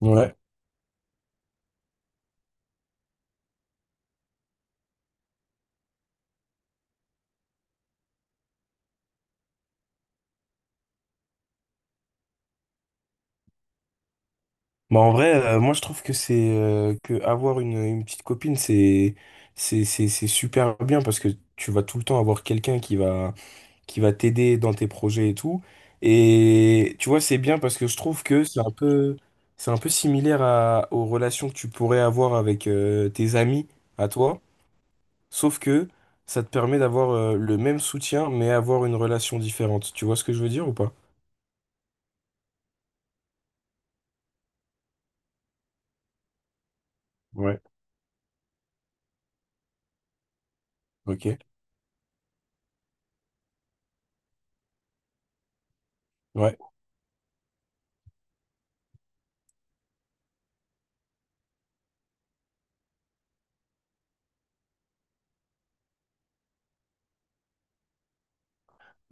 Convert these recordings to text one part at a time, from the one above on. Ouais. Bah en vrai, moi je trouve que c'est que avoir une petite copine, c'est super bien parce que tu vas tout le temps avoir quelqu'un qui va t'aider dans tes projets et tout. Et tu vois, c'est bien parce que je trouve que c'est un peu similaire aux relations que tu pourrais avoir avec tes amis à toi, sauf que ça te permet d'avoir le même soutien mais avoir une relation différente. Tu vois ce que je veux dire ou pas? Ouais. Ok. Ouais.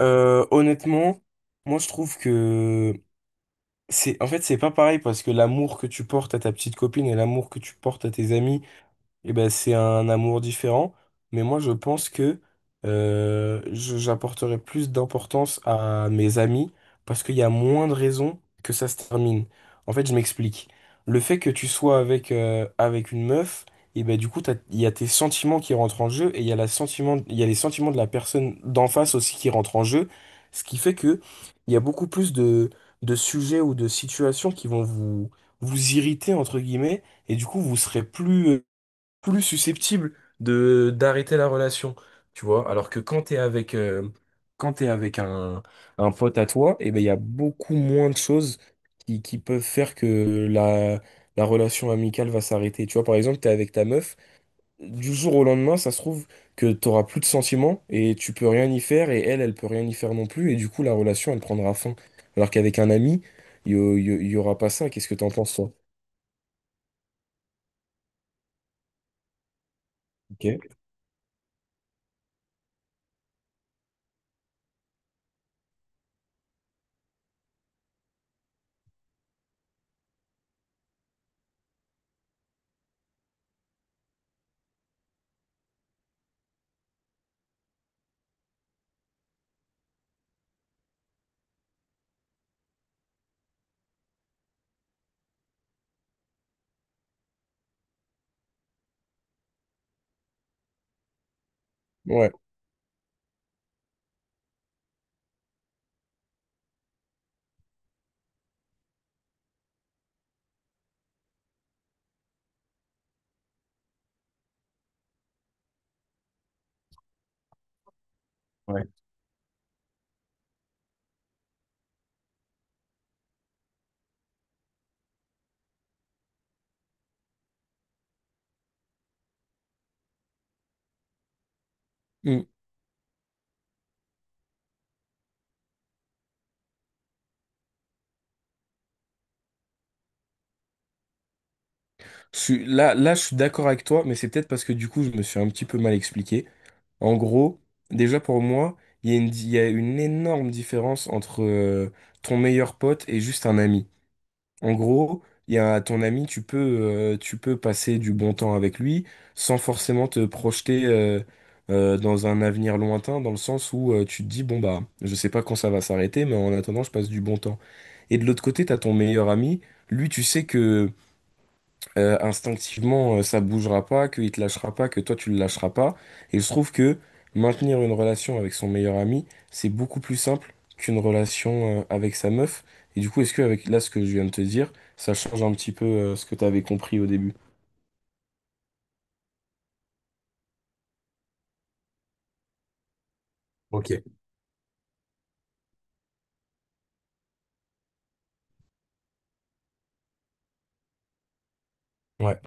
Honnêtement, moi je trouve que c'est en fait c'est pas pareil parce que l'amour que tu portes à ta petite copine et l'amour que tu portes à tes amis eh ben, c'est un amour différent, mais moi je pense que j'apporterai plus d'importance à mes amis parce qu'il y a moins de raisons que ça se termine. En fait, je m'explique. Le fait que tu sois avec, avec une meuf, et ben du coup, il y a tes sentiments qui rentrent en jeu et il y a les sentiments de la personne d'en face aussi qui rentrent en jeu, ce qui fait que il y a beaucoup plus de sujets ou de situations qui vont vous irriter, entre guillemets, et du coup, vous serez plus susceptible de d'arrêter la relation, tu vois. Alors que quand t'es avec un pote à toi, et ben il y a beaucoup moins de choses qui peuvent faire que la la relation amicale va s'arrêter. Tu vois, par exemple, t'es avec ta meuf, du jour au lendemain, ça se trouve que t'auras plus de sentiments et tu peux rien y faire et elle, elle peut rien y faire non plus et du coup la relation elle prendra fin. Alors qu'avec un ami, il y aura pas ça. Qu'est-ce que t'en penses toi? Ok. Ouais. Ouais. Là, je suis d'accord avec toi, mais c'est peut-être parce que du coup, je me suis un petit peu mal expliqué. En gros, déjà pour moi, il y a une énorme différence entre ton meilleur pote et juste un ami. En gros, il y a ton ami, tu peux passer du bon temps avec lui sans forcément te projeter dans un avenir lointain, dans le sens où tu te dis, bon bah, je sais pas quand ça va s'arrêter, mais en attendant, je passe du bon temps. Et de l'autre côté, t'as ton meilleur ami. Lui, tu sais que instinctivement, ça bougera pas, qu'il te lâchera pas, que toi tu le lâcheras pas. Et je trouve que maintenir une relation avec son meilleur ami, c'est beaucoup plus simple qu'une relation avec sa meuf. Et du coup, est-ce que avec là ce que je viens de te dire, ça change un petit peu ce que tu avais compris au début? Ok. Ouais.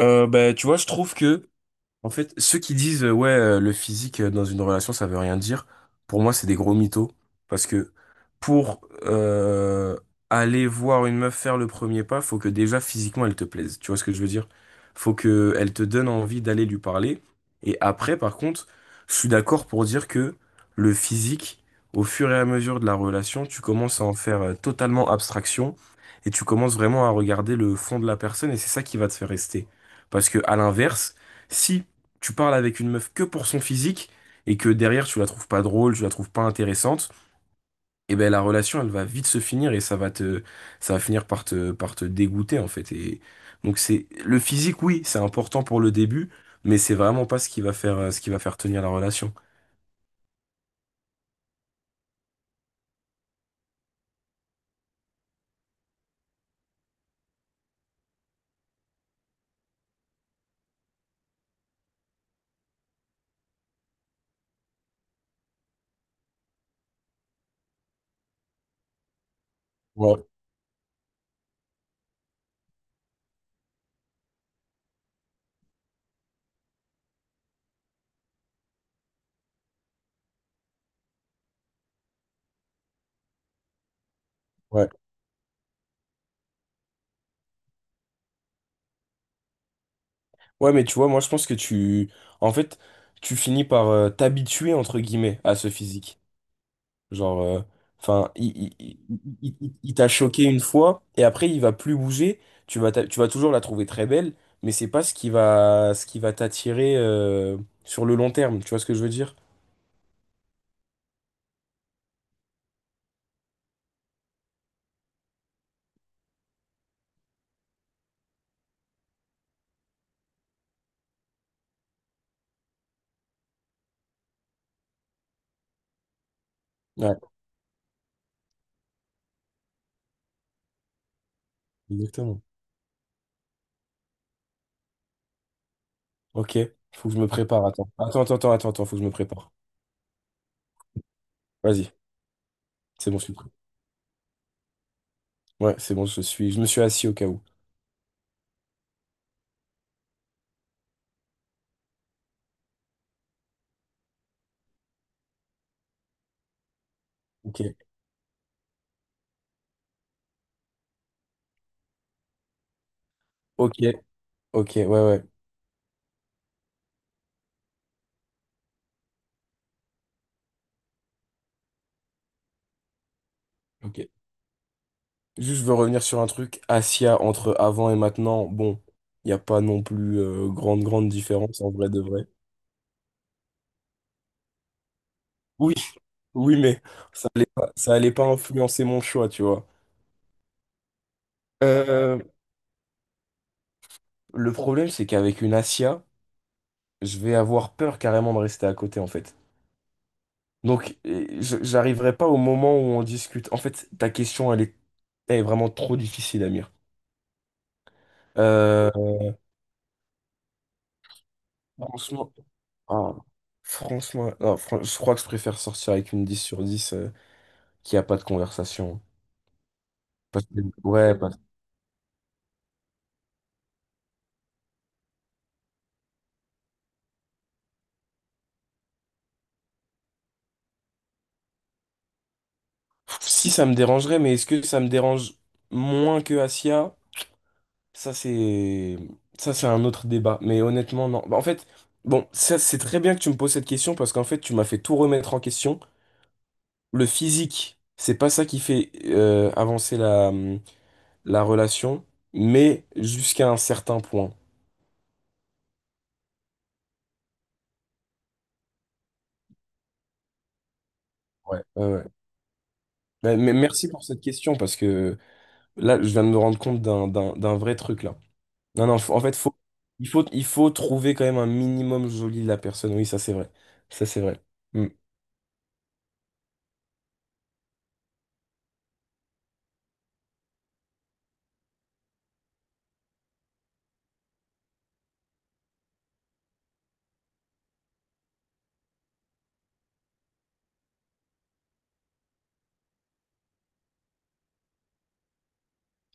Bah, tu vois, je trouve que en fait, ceux qui disent le physique dans une relation, ça veut rien dire, pour moi, c'est des gros mythos. Parce que pour aller voir une meuf faire le premier pas, faut que déjà physiquement elle te plaise. Tu vois ce que je veux dire? Faut que elle te donne envie d'aller lui parler. Et après, par contre, je suis d'accord pour dire que le physique, au fur et à mesure de la relation, tu commences à en faire totalement abstraction et tu commences vraiment à regarder le fond de la personne et c'est ça qui va te faire rester. Parce que à l'inverse, si tu parles avec une meuf que pour son physique et que derrière tu la trouves pas drôle, tu la trouves pas intéressante, et ben la relation elle va vite se finir et ça va finir par te dégoûter en fait et donc c'est le physique oui, c'est important pour le début, mais c'est vraiment pas ce qui va faire ce qui va faire tenir la relation. Ouais, ouais. Ouais, mais tu vois, moi je pense que tu en fait tu finis par t'habituer entre guillemets à ce physique. Genre, enfin, il t'a choqué une fois et après il va plus bouger. Tu vas, tu vas toujours la trouver très belle, mais c'est pas ce qui va t'attirer sur le long terme. Tu vois ce que je veux dire? Ouais, exactement. Ok, faut que je me prépare. Attends, attends, attends, attends, attends, attends, faut que je me prépare. Vas-y, c'est bon, je suis prêt. Ouais, c'est bon, je me suis assis au cas où. Ok, ok, ok, ouais, ouais. Ok. Juste, je veux revenir sur un truc. Asia, entre avant et maintenant, bon, il n'y a pas non plus grande, grande différence en vrai de vrai. Oui, oui, mais ça allait pas influencer mon choix, tu vois. Euh, le problème, c'est qu'avec une Asia, je vais avoir peur carrément de rester à côté, en fait. Donc, et j'arriverai pas au moment où on discute. En fait, ta question, elle est vraiment trop difficile, Amir. Euh, franchement, ah, franchement, non, fran- je crois que je préfère sortir avec une 10/10 qu'il n'y a pas de conversation. Parce que- ouais, parce- Si ça me dérangerait, mais est-ce que ça me dérange moins que Asia? Ça, c'est Ça, c'est un autre débat. Mais honnêtement, non. Bah, en fait, bon, ça, c'est très bien que tu me poses cette question parce qu'en fait, tu m'as fait tout remettre en question. Le physique, c'est pas ça qui fait avancer la relation, mais jusqu'à un certain point. Ouais, ouais, ouais. Mais merci pour cette question parce que là, je viens de me rendre compte d'un vrai truc là. Non, non, en fait, il faut trouver quand même un minimum joli de la personne. Oui, ça c'est vrai. Ça c'est vrai. Hmm.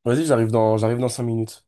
Vas-y, j'arrive dans 5 minutes.